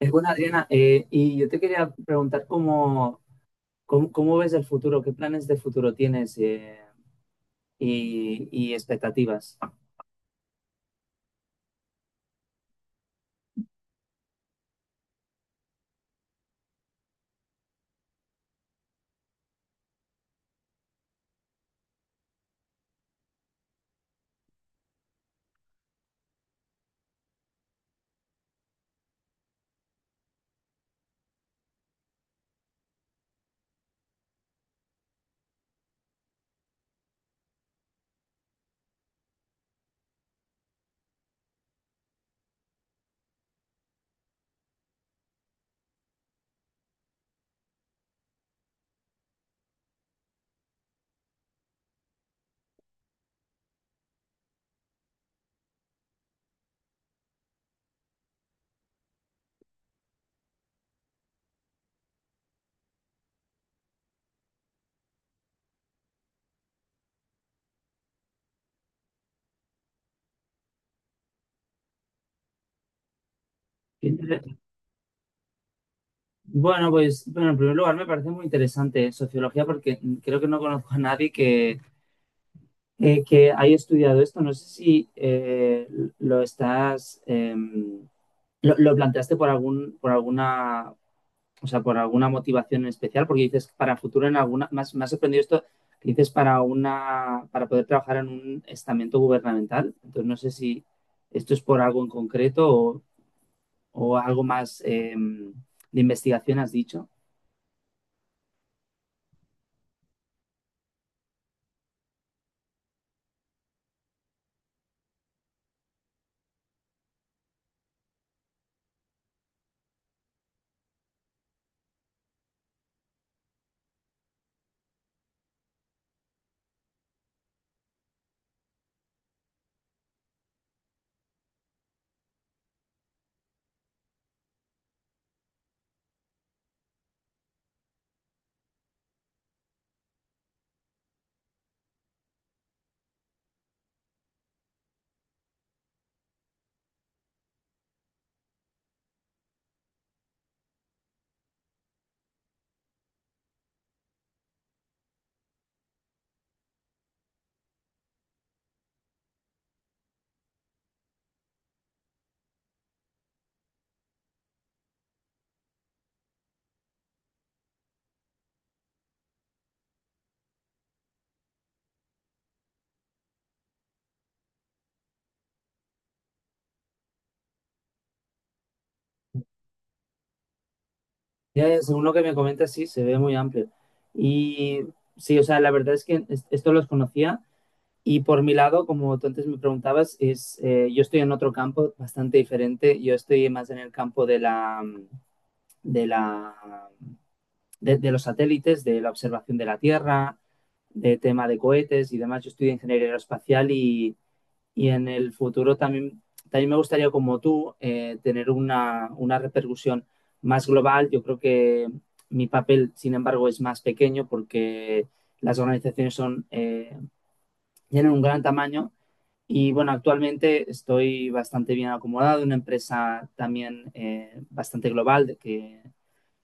Es buena, Adriana. Y yo te quería preguntar cómo ves el futuro, qué planes de futuro tienes y expectativas. Qué inter- Bueno, pues, en primer lugar me parece muy interesante sociología porque creo que no conozco a nadie que haya estudiado esto. No sé si lo estás, lo planteaste por por alguna o sea, por alguna motivación en especial, porque dices para futuro en alguna, más, me ha sorprendido esto, que dices para poder trabajar en un estamento gubernamental. Entonces no sé si esto es por algo en concreto o algo más de investigación has dicho. Ya, según lo que me comentas, sí, se ve muy amplio. Y sí, o sea, la verdad es que esto los conocía. Y por mi lado, como tú antes me preguntabas, es, yo estoy en otro campo bastante diferente. Yo estoy más en el campo de, la, de los satélites, de la observación de la Tierra, de tema de cohetes y demás. Yo estudio ingeniería aeroespacial y en el futuro también, también me gustaría, como tú, tener una repercusión más global. Yo creo que mi papel, sin embargo, es más pequeño porque las organizaciones tienen un gran tamaño. Y bueno, actualmente estoy bastante bien acomodado, en una empresa también bastante global, de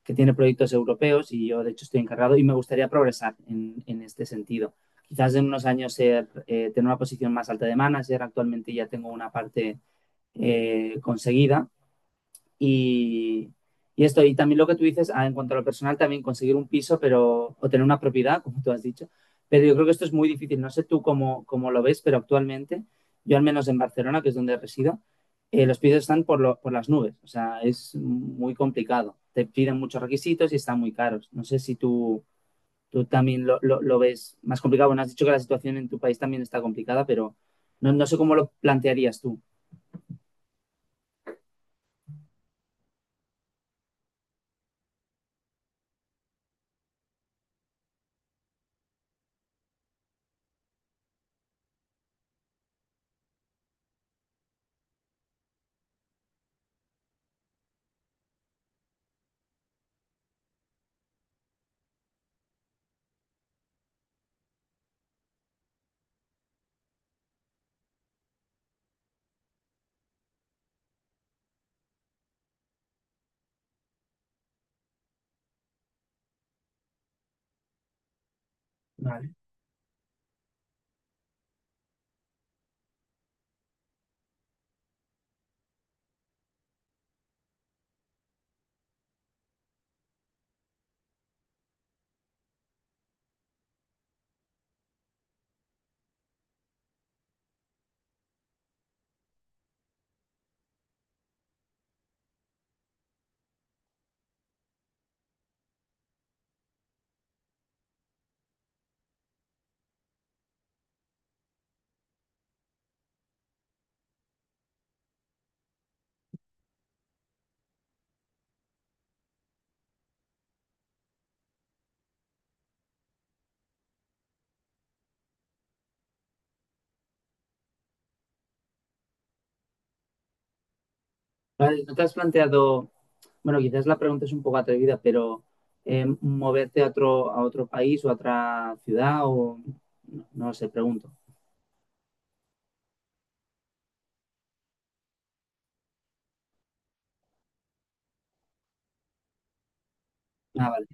que tiene proyectos europeos y yo de hecho estoy encargado y me gustaría progresar en este sentido. Quizás en unos años tener una posición más alta de manager, actualmente ya tengo una parte conseguida y, y esto, y también lo que tú dices, ah, en cuanto a lo personal, también conseguir un piso pero, o tener una propiedad, como tú has dicho. Pero yo creo que esto es muy difícil. No sé tú cómo lo ves, pero actualmente, yo al menos en Barcelona, que es donde resido, los pisos están por las nubes. O sea, es muy complicado. Te piden muchos requisitos y están muy caros. No sé si tú también lo ves más complicado. Bueno, has dicho que la situación en tu país también está complicada, pero no, no sé cómo lo plantearías tú. Vale, ¿no te has planteado, bueno, quizás la pregunta es un poco atrevida, pero moverte a a otro país o a otra ciudad o no, no sé, pregunto. Ah, vale.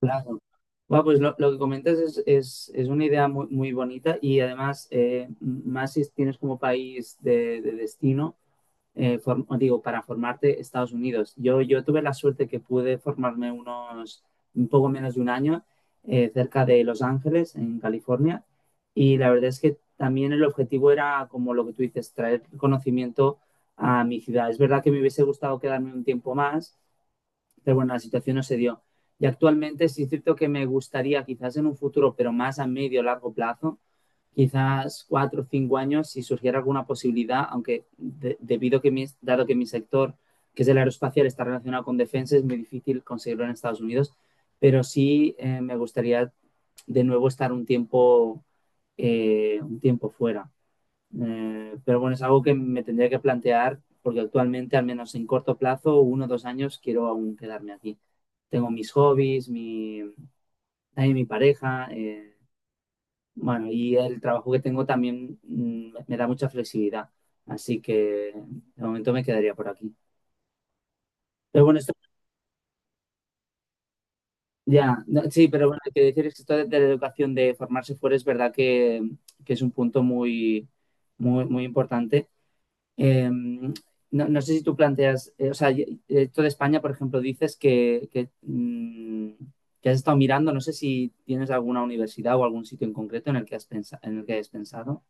Claro. Bueno, pues lo que comentas es una idea muy bonita y además, más si tienes como país de destino, digo, para formarte Estados Unidos. Yo tuve la suerte que pude formarme unos, un poco menos de un año cerca de Los Ángeles, en California, y la verdad es que también el objetivo era, como lo que tú dices, traer conocimiento a mi ciudad. Es verdad que me hubiese gustado quedarme un tiempo más, pero bueno, la situación no se dio. Y actualmente sí es cierto que me gustaría, quizás en un futuro, pero más a medio o largo plazo, quizás 4 o 5 años, si surgiera alguna posibilidad, aunque debido a que mi, dado que mi sector, que es el aeroespacial, está relacionado con defensa, es muy difícil conseguirlo en Estados Unidos, pero sí me gustaría de nuevo estar un tiempo fuera. Pero bueno, es algo que me tendría que plantear porque actualmente, al menos en corto plazo, 1 o 2 años, quiero aún quedarme aquí. Tengo mis hobbies, también mi pareja, bueno, y el trabajo que tengo también me da mucha flexibilidad. Así que de momento me quedaría por aquí. Pero bueno, no, sí, pero bueno, hay que decir es que esto de la educación de formarse fuera es verdad que es un punto muy importante. Eh, no, no sé si tú planteas, o sea, esto de España, por ejemplo, dices que has estado mirando, no sé si tienes alguna universidad o algún sitio en concreto en el que has pensado, en el que hayas pensado.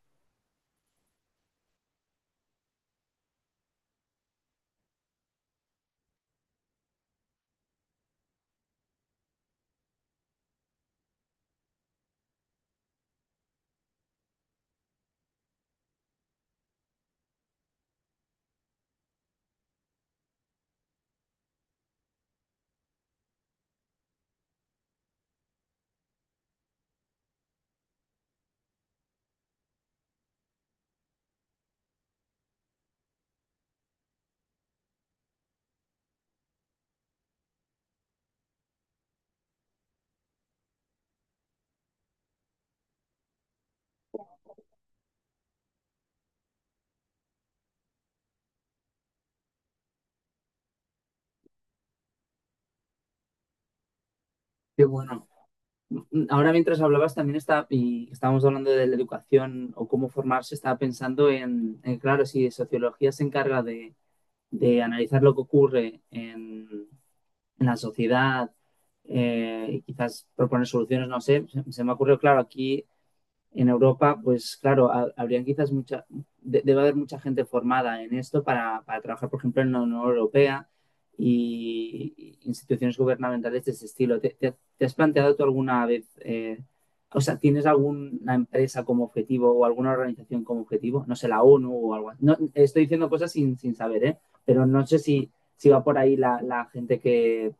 Qué bueno. Ahora mientras hablabas también y estábamos hablando de la educación o cómo formarse, estaba pensando en claro, si sociología se encarga de analizar lo que ocurre en la sociedad y quizás proponer soluciones, no sé, se me ocurrió, claro, aquí en Europa, pues claro, habría quizás mucha, debe haber mucha gente formada en esto para trabajar, por ejemplo, en la Unión Europea y instituciones gubernamentales de ese estilo. Te has planteado tú alguna vez, o sea, tienes alguna empresa como objetivo o alguna organización como objetivo? No sé, la ONU o algo así. No, estoy diciendo cosas sin saber, ¿eh? Pero no sé si, si va por ahí la gente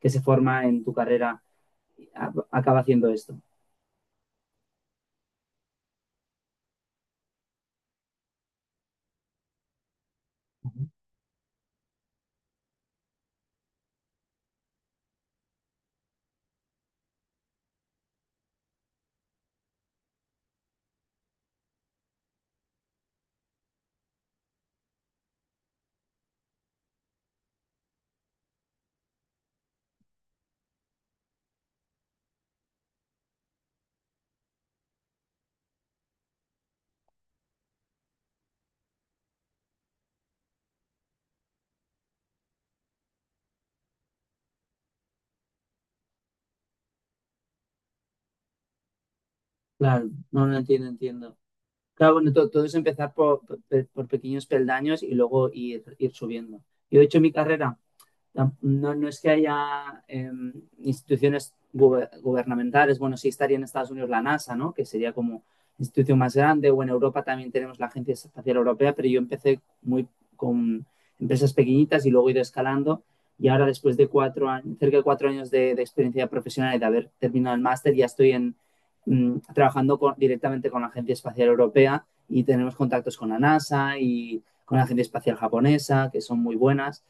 que se forma en tu carrera, acaba haciendo esto. Claro, no, no entiendo, entiendo. Claro, bueno, todo, es empezar por pequeños peldaños y luego ir subiendo. Yo he hecho mi carrera no, no es que haya instituciones gubernamentales, bueno, sí estaría en Estados Unidos la NASA, ¿no? Que sería como institución más grande, o en Europa también tenemos la Agencia Espacial Europea, pero yo empecé muy con empresas pequeñitas y luego he ido escalando y ahora después de 4 años, cerca de 4 años experiencia profesional y de haber terminado el máster, ya estoy en, trabajando con, directamente con la Agencia Espacial Europea y tenemos contactos con la NASA y con la Agencia Espacial Japonesa, que son muy buenas.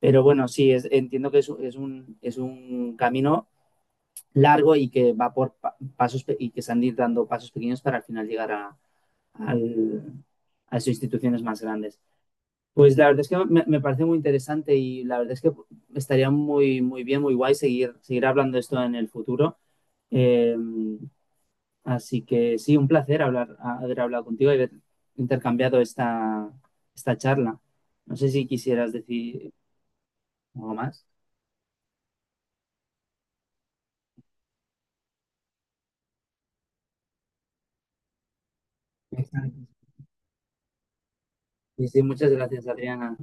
Pero bueno, sí, entiendo que es un camino largo y que va por pasos y que se han de dando pasos pequeños para al final llegar al- a esas instituciones más grandes. Pues la verdad es que me parece muy interesante y la verdad es que estaría muy bien, muy guay seguir hablando de esto en el futuro. Eh, Así que sí, un placer hablar, haber hablado contigo y haber intercambiado esta charla. No sé si quisieras decir algo más. Y sí, muchas gracias, Adriana.